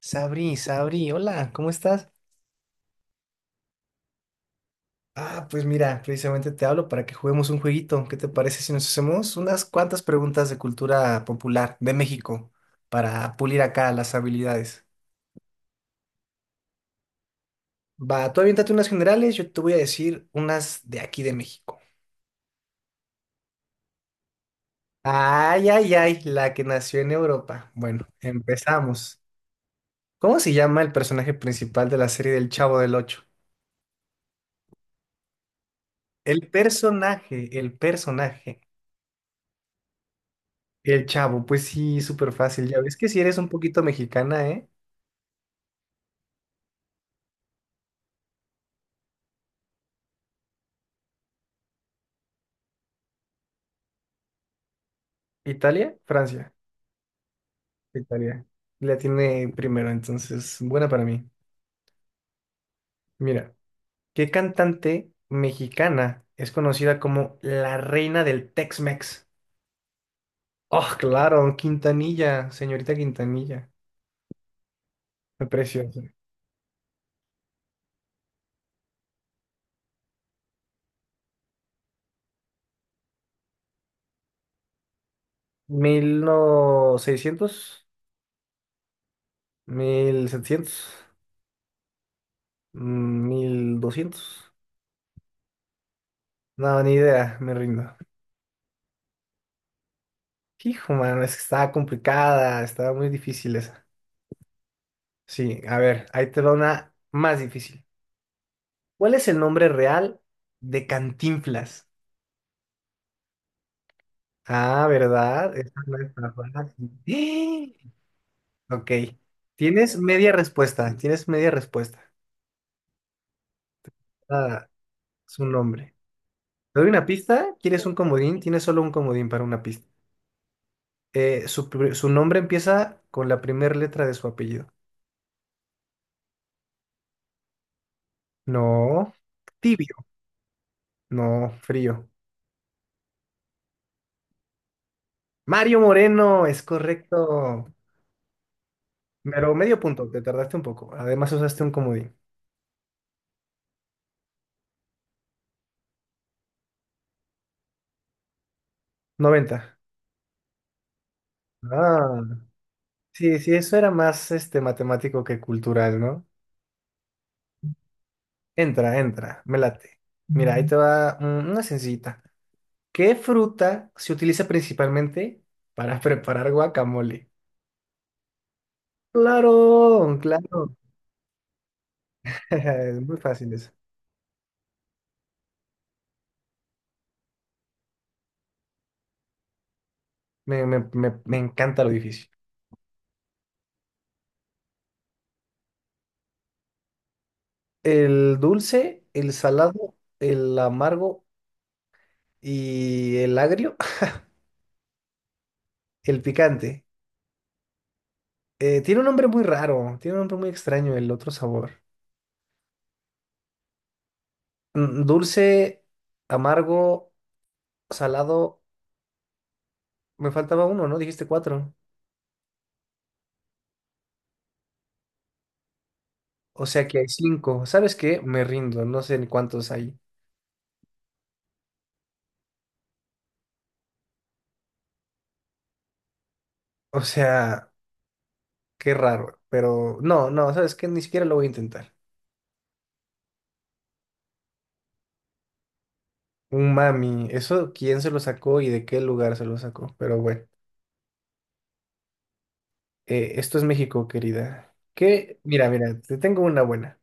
Sabri, Sabri, hola, ¿cómo estás? Ah, pues mira, precisamente te hablo para que juguemos un jueguito. ¿Qué te parece si nos hacemos unas cuantas preguntas de cultura popular de México para pulir acá las habilidades? Va, tú aviéntate unas generales, yo te voy a decir unas de aquí de México. Ay, ay, ay, la que nació en Europa. Bueno, empezamos. ¿Cómo se llama el personaje principal de la serie del Chavo del Ocho? El personaje, el personaje. El Chavo, pues sí, súper fácil. Ya ves que si eres un poquito mexicana, ¿eh? ¿Italia? Francia. Italia. La tiene primero, entonces, buena para mí. Mira, ¿qué cantante mexicana es conocida como la reina del Tex-Mex? Oh, claro, Quintanilla, señorita Quintanilla. Qué Preciosa. ¿Mil 1700? ¿1700? ¿1200? No, ni idea, me rindo. Hijo, mano, es que estaba complicada, estaba muy difícil esa. Sí, a ver, ahí te va una más difícil. ¿Cuál es el nombre real de Cantinflas? Ah, ¿verdad? Esa no está fácil. ¡Eh! Ok, tienes media respuesta, tienes media respuesta. Ah, su nombre. ¿Te doy una pista? ¿Quieres un comodín? Tienes solo un comodín para una pista. Su nombre empieza con la primera letra de su apellido. No, tibio. No, frío. Mario Moreno, es correcto. Pero medio punto, te tardaste un poco. Además usaste un comodín. 90. Ah, sí, sí, eso era más este matemático que cultural, ¿no? Entra, entra, me late. Mira, ahí te va una sencillita. ¿Qué fruta se utiliza principalmente para preparar guacamole? Claro, claro. Es muy fácil eso. Me encanta lo difícil. El dulce, el salado, el amargo y el agrio. El picante. Tiene un nombre muy raro, tiene un nombre muy extraño el otro sabor. Dulce, amargo, salado. Me faltaba uno, ¿no? Dijiste cuatro. O sea que hay cinco. ¿Sabes qué? Me rindo, no sé ni cuántos hay. O sea, qué raro. Pero no, no, ¿sabes qué? Ni siquiera lo voy a intentar. Un mami, eso quién se lo sacó y de qué lugar se lo sacó. Pero bueno, esto es México, querida. Que, mira, mira, te tengo una buena.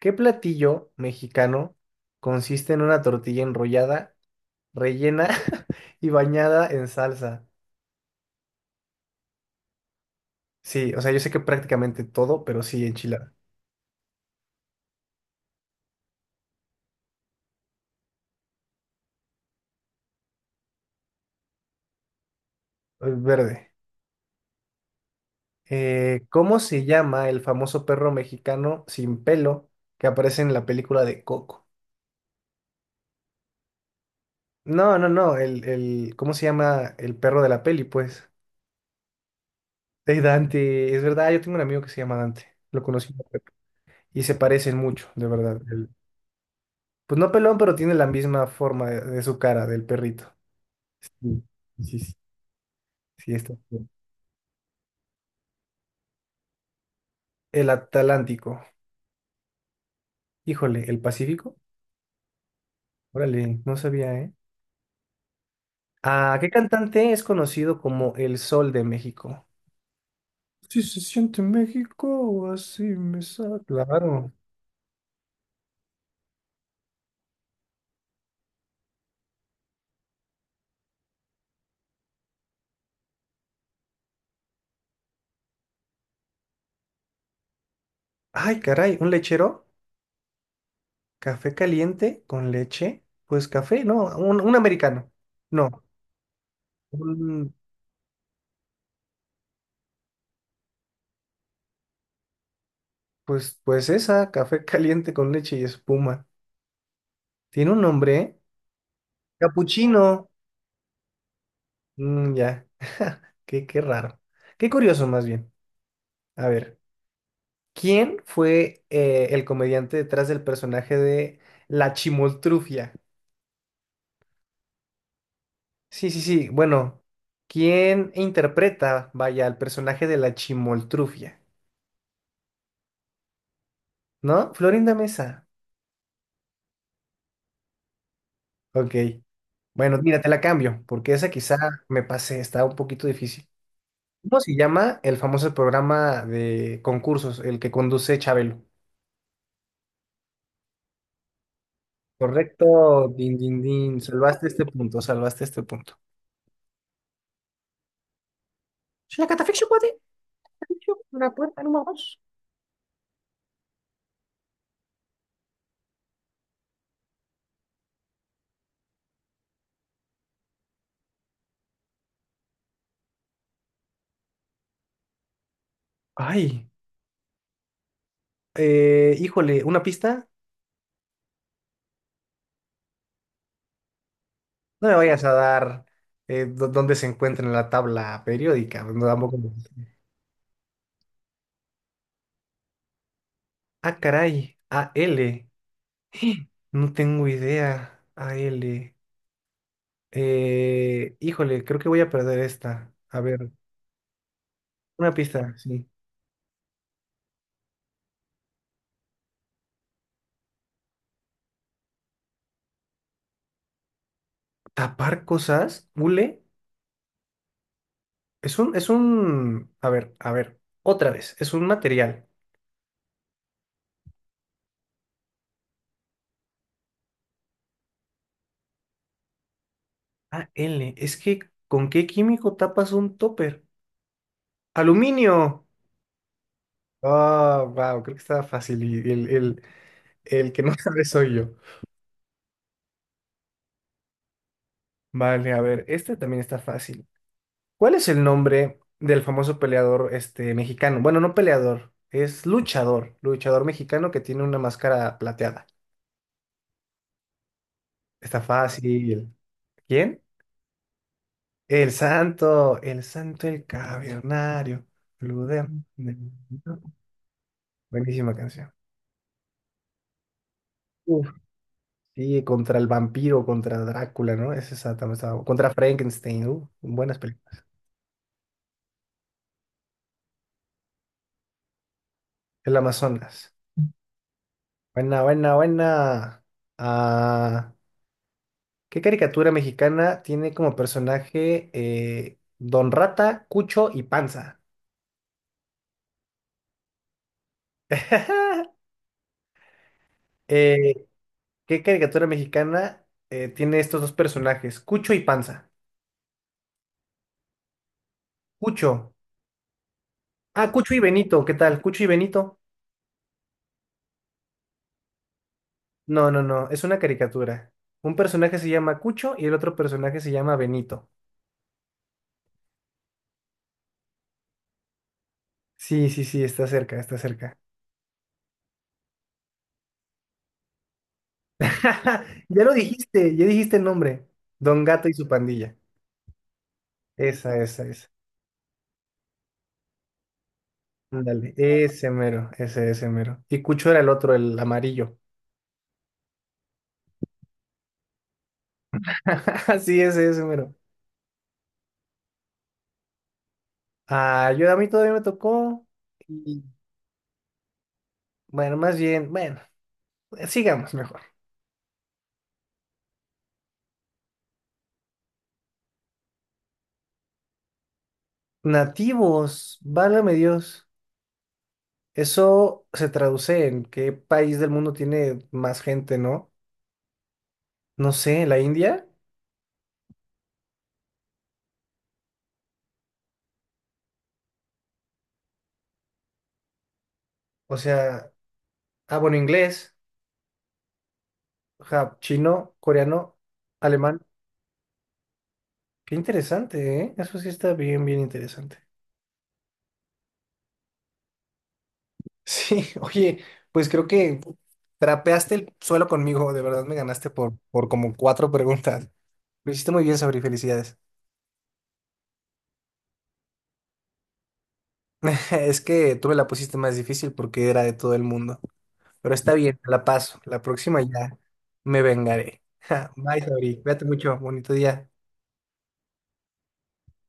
¿Qué platillo mexicano consiste en una tortilla enrollada, rellena y bañada en salsa? Sí, o sea, yo sé que prácticamente todo, pero sí enchilada. Verde. ¿Cómo se llama el famoso perro mexicano sin pelo que aparece en la película de Coco? No, no, no, ¿cómo se llama el perro de la peli, pues? Ey, Dante, es verdad, yo tengo un amigo que se llama Dante, lo conocí y se parecen mucho, de verdad. Pues no pelón, pero tiene la misma forma de, su cara, del perrito. Sí, sí, sí. Sí, está bien. El Atlántico. Híjole, ¿el Pacífico? Órale, no sabía, ¿eh? Ah, ¿qué cantante es conocido como el Sol de México? Si se siente México, así me sale. Claro. Ay, caray, ¿un lechero? ¿Café caliente con leche? Pues café, no, un americano. No, un- pues esa, café caliente con leche y espuma. Tiene un nombre, ¿eh? Capuchino. Mm, ya. Qué raro. Qué curioso, más bien. A ver, ¿quién fue el comediante detrás del personaje de La Chimoltrufia? Sí, sí, sí. Bueno, ¿quién interpreta, vaya, al personaje de La Chimoltrufia? ¿No? Florinda Mesa. Ok. Bueno, mira, te la cambio, porque esa quizá me pasé, está un poquito difícil. ¿Cómo se llama el famoso programa de concursos, el que conduce Chabelo? Correcto, din, din, din. Salvaste este punto, salvaste este punto. Ay, híjole, una pista. No me vayas a dar dónde se encuentra en la tabla periódica. No, tampoco. Me- Ah, caray, A L. No tengo idea. AL. Híjole, creo que voy a perder esta. A ver, una pista, sí. Tapar cosas, hule. Es un, es un. A ver, otra vez. Es un material. Ah, L. Es que, ¿con qué químico tapas un topper? ¡Aluminio! Ah, wow, creo que estaba fácil y el que no sabe soy yo. Vale, a ver, este también está fácil. ¿Cuál es el nombre del famoso peleador este, mexicano? Bueno, no peleador, es luchador, luchador mexicano que tiene una máscara plateada. Está fácil. ¿Quién? El santo, el santo, el cavernario. Blue Demon. Buenísima canción. Sí, contra el vampiro, contra Drácula, ¿no? Esa está- también estaba- Contra Frankenstein, buenas películas. El Amazonas. Buena, buena, buena. Ah, ¿qué caricatura mexicana tiene como personaje Don Rata, Cucho y Panza? Eh, ¿qué caricatura mexicana tiene estos dos personajes? Cucho y Panza. Cucho. Ah, Cucho y Benito, ¿qué tal? Cucho y Benito. No, no, no, es una caricatura. Un personaje se llama Cucho y el otro personaje se llama Benito. Sí, sí, sí, está cerca, está cerca. Ya lo dijiste, ya dijiste el nombre. Don Gato y su pandilla. Esa, esa, esa. Ándale, ese mero, ese mero. Y Cucho era el otro, el amarillo. Sí, ese mero. Ah, yo a mí todavía me tocó. Y bueno, más bien, bueno, sigamos mejor. Nativos, válgame Dios. Eso se traduce en qué país del mundo tiene más gente, ¿no? No sé, ¿la India? O sea, ah, bueno, inglés, ja, chino, coreano, alemán. Qué interesante, ¿eh? Eso sí está bien, bien interesante. Sí, oye, pues creo que trapeaste el suelo conmigo, de verdad me ganaste por, como cuatro preguntas. Lo hiciste muy bien, Sabri, felicidades. Es que tú me la pusiste más difícil porque era de todo el mundo. Pero está bien, la paso. La próxima ya me vengaré. Bye, Sabri. Cuídate mucho. Bonito día.